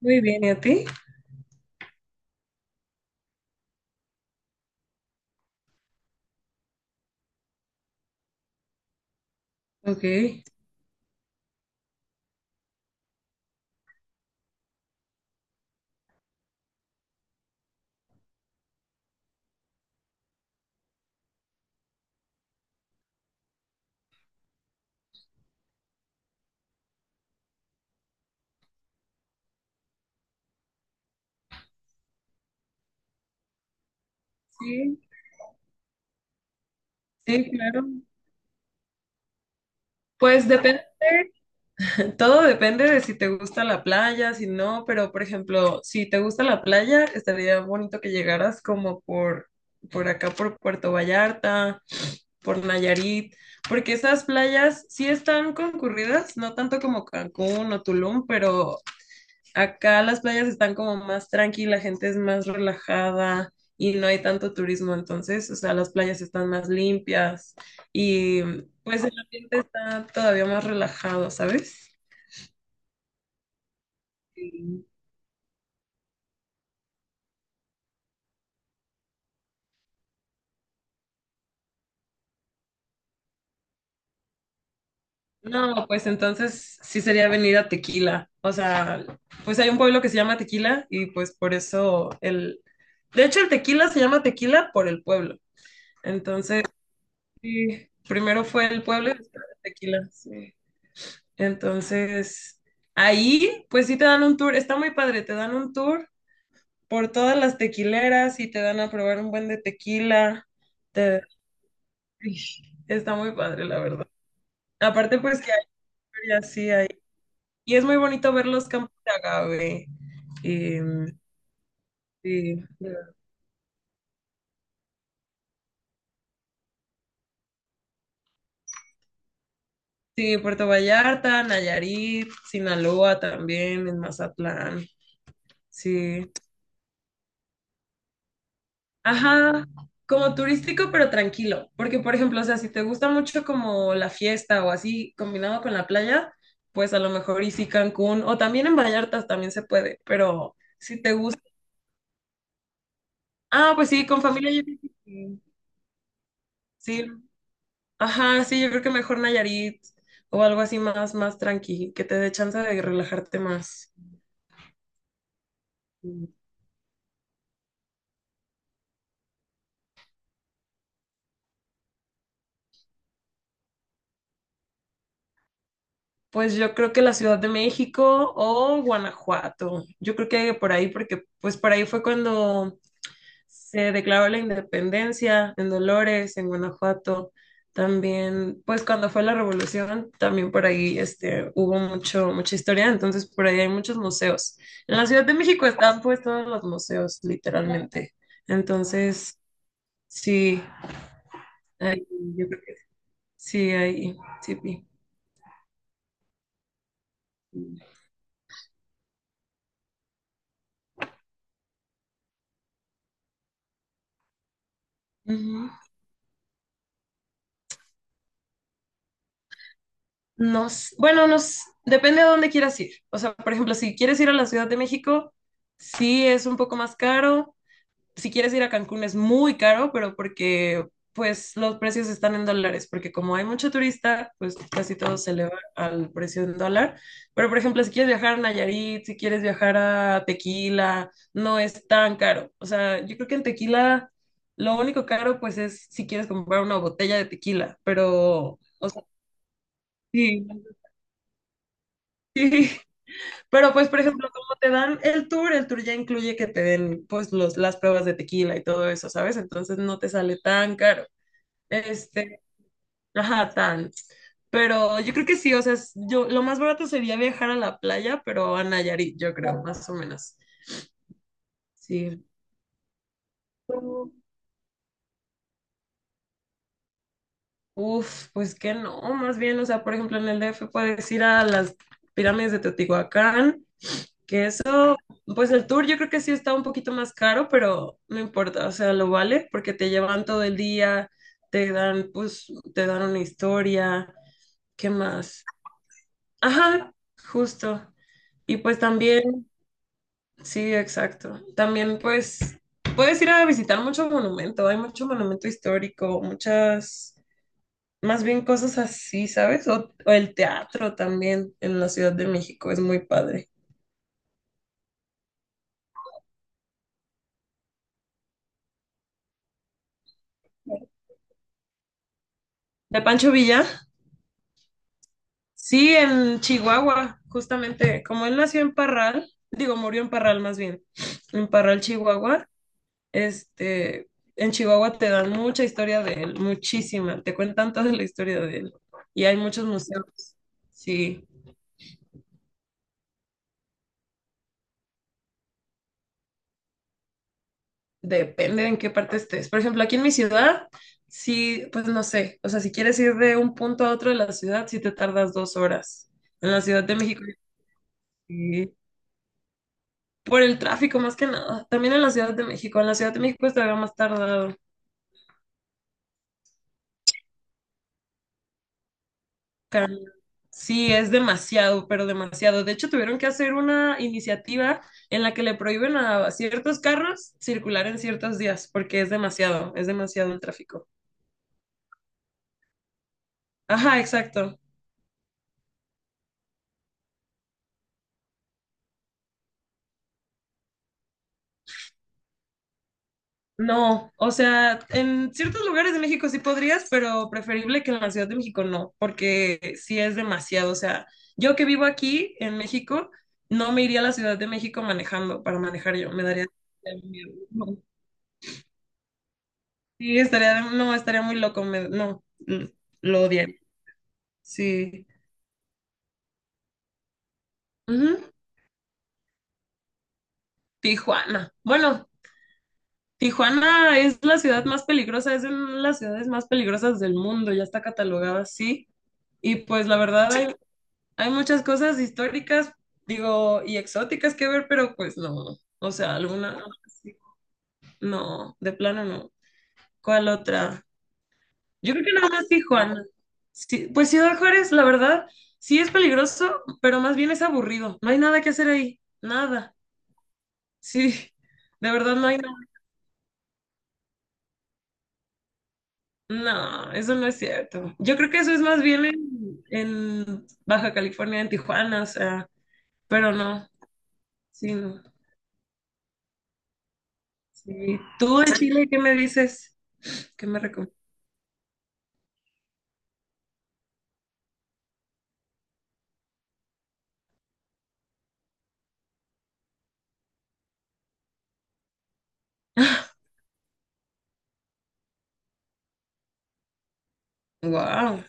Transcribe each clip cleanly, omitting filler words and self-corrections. Muy bien, ¿y a ti? Ok, sí, sí, claro. Pues depende, todo depende de si te gusta la playa, si no, pero por ejemplo, si te gusta la playa, estaría bonito que llegaras como por acá, por Puerto Vallarta, por Nayarit, porque esas playas sí están concurridas, no tanto como Cancún o Tulum, pero acá las playas están como más tranqui, la gente es más relajada y no hay tanto turismo, entonces, o sea, las playas están más limpias y pues el ambiente está todavía más relajado, ¿sabes? Sí. No, pues entonces sí sería venir a Tequila, o sea, pues hay un pueblo que se llama Tequila y pues por eso el... De hecho, el Tequila se llama Tequila por el pueblo, entonces sí, primero fue el pueblo y después el Tequila, sí. Entonces, ahí, pues sí te dan un tour, está muy padre, te dan un tour por todas las tequileras y te dan a probar un buen de tequila. te- Está muy padre, la verdad. Aparte, pues que hay ferias, sí hay. Y es muy bonito ver los campos de agave. Em, sí, sí, Puerto Vallarta, Nayarit, Sinaloa también, en Mazatlán. Sí. Ajá, como turístico, pero tranquilo. Porque, por ejemplo, o sea, si te gusta mucho como la fiesta o así combinado con la playa, pues a lo mejor y sí Cancún o también en Vallarta también se puede, pero si te gusta. Ah, pues sí, con familia yo creo que sí. Sí, ajá, sí, yo creo que mejor Nayarit o algo así más, más tranqui, que te dé chance de relajarte más. Pues yo creo que la Ciudad de México o Guanajuato. Yo creo que por ahí, porque pues por ahí fue cuando se declaró la independencia en Dolores, en Guanajuato. También, pues cuando fue la revolución, también por ahí este, hubo mucho, mucha historia, entonces por ahí hay muchos museos. En la Ciudad de México están pues todos los museos, literalmente. Entonces, sí, hay- yo creo que sí, ahí sí. Sí. Ujú. Bueno, nos depende de dónde quieras ir. O sea, por ejemplo, si quieres ir a la Ciudad de México, sí es un poco más caro, si quieres ir a Cancún es muy caro, pero porque pues los precios están en dólares, porque como hay mucho turista, pues casi todo se eleva al precio en dólar. Pero por ejemplo, si quieres viajar a Nayarit, si quieres viajar a Tequila, no es tan caro. O sea, yo creo que en Tequila lo único caro pues es si quieres comprar una botella de tequila, pero, o sea, sí, sí. Pero pues, por ejemplo, como te dan el tour ya incluye que te den pues los, las pruebas de tequila y todo eso, ¿sabes? Entonces no te sale tan caro. Este, ajá, tan. Pero yo creo que sí, o sea, yo lo más barato sería viajar a la playa, pero a Nayarit, yo creo, más o menos. Sí. Tú- Uf, pues que no, más bien, o sea, por ejemplo, en el DF puedes ir a las pirámides de Teotihuacán, que es pues el tour yo creo que sí está un poquito más caro, pero no importa, o sea, lo vale porque te llevan todo el día, te dan, pues, te dan una historia, ¿qué más? Ajá, justo. Y pues también, sí, exacto. También pues puedes ir a visitar mucho monumento, hay mucho monumento histórico, muchas, más bien cosas así, ¿sabes? O el teatro también en la Ciudad de México, es muy padre. ¿De Pancho Villa? Sí, en Chihuahua, justamente, como él nació en Parral, digo, murió en Parral más bien, en Parral, Chihuahua, este, en Chihuahua te dan mucha historia de él, muchísima, te cuentan toda la historia de él. Y hay muchos museos, sí, depende en qué parte estés. Por ejemplo, aquí en mi ciudad, sí, pues no sé, o sea, si quieres ir de un punto a otro de la ciudad, sí te tardas dos horas. En la Ciudad de México, sí, por el tráfico más que nada. También en la Ciudad de México. En la Ciudad de México es todavía más tardado. Caramba. Sí, es demasiado, pero demasiado. De hecho, tuvieron que hacer una iniciativa en la que le prohíben a ciertos carros circular en ciertos días, porque es demasiado el tráfico. Ajá, exacto. No, o sea, en ciertos lugares de México sí podrías, pero preferible que en la Ciudad de México no, porque sí es demasiado. O sea, yo que vivo aquí en México, no me iría a la Ciudad de México manejando para manejar yo, me daría miedo. No, sí, estaría, no, estaría muy loco, no, lo odiaría. Sí. Ujú. Tijuana. Bueno, Tijuana es la ciudad más peligrosa, es una de las ciudades más peligrosas del mundo, ya está catalogada así. Y pues la verdad Hay muchas cosas históricas, digo, y exóticas que ver, pero pues no. O sea, alguna, sí, no, de plano no. ¿Cuál otra? Yo creo que nada más Tijuana. Sí, pues Ciudad Juárez, la verdad, sí es peligroso, pero más bien es aburrido. No hay nada que hacer ahí, nada. Sí, de verdad no hay nada. No, eso no es cierto. Yo creo que eso es más bien en Baja California, en Tijuana, o sea, pero no, sí, no. Sí. ¿Tú de Chile qué me dices? ¿Qué me recomiendas? Wow.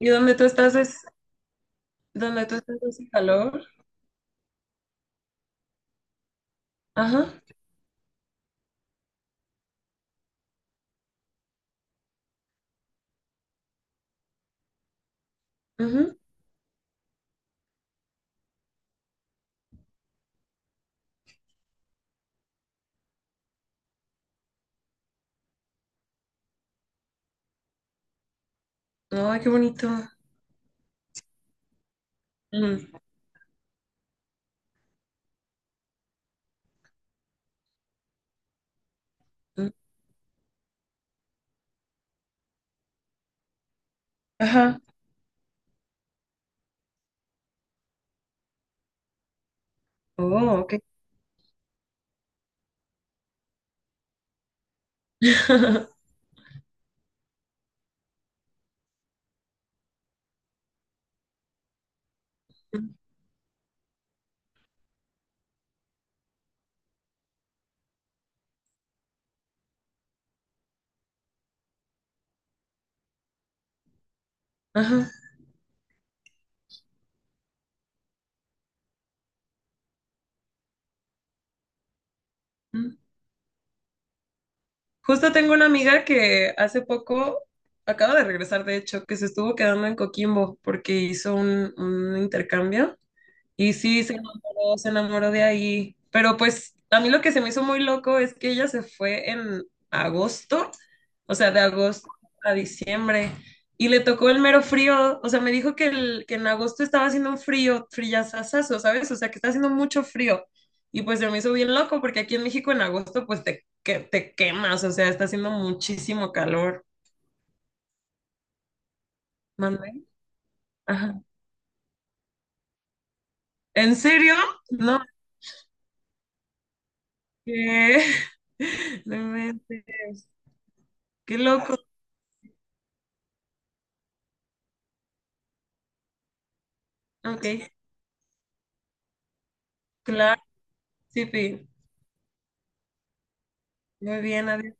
¿Y dónde tú estás es dónde tú estás hace calor? Ajá. Ujú. Ay, qué bonito. Mm, mm. Ajá. Oh, ok. Ajá. Mm. Justo tengo una amiga que hace poco acaba de regresar, de hecho, que se estuvo quedando en Coquimbo porque hizo un intercambio. Y sí, se enamoró de ahí. Pero pues a mí lo que se me hizo muy loco es que ella se fue en agosto, o sea, de agosto a diciembre, y le tocó el mero frío. O sea, me dijo que, el, que en agosto estaba haciendo un frío, frillazazazo, ¿sabes? O sea, que está haciendo mucho frío. Y pues se me hizo bien loco porque aquí en México en agosto pues te, que, te quemas, o sea, está haciendo muchísimo calor. ¿Mande? Ajá. ¿En serio? No, que... No inventes. Qué loco. Ok, claro, sí, Pi. Muy bien, adiós.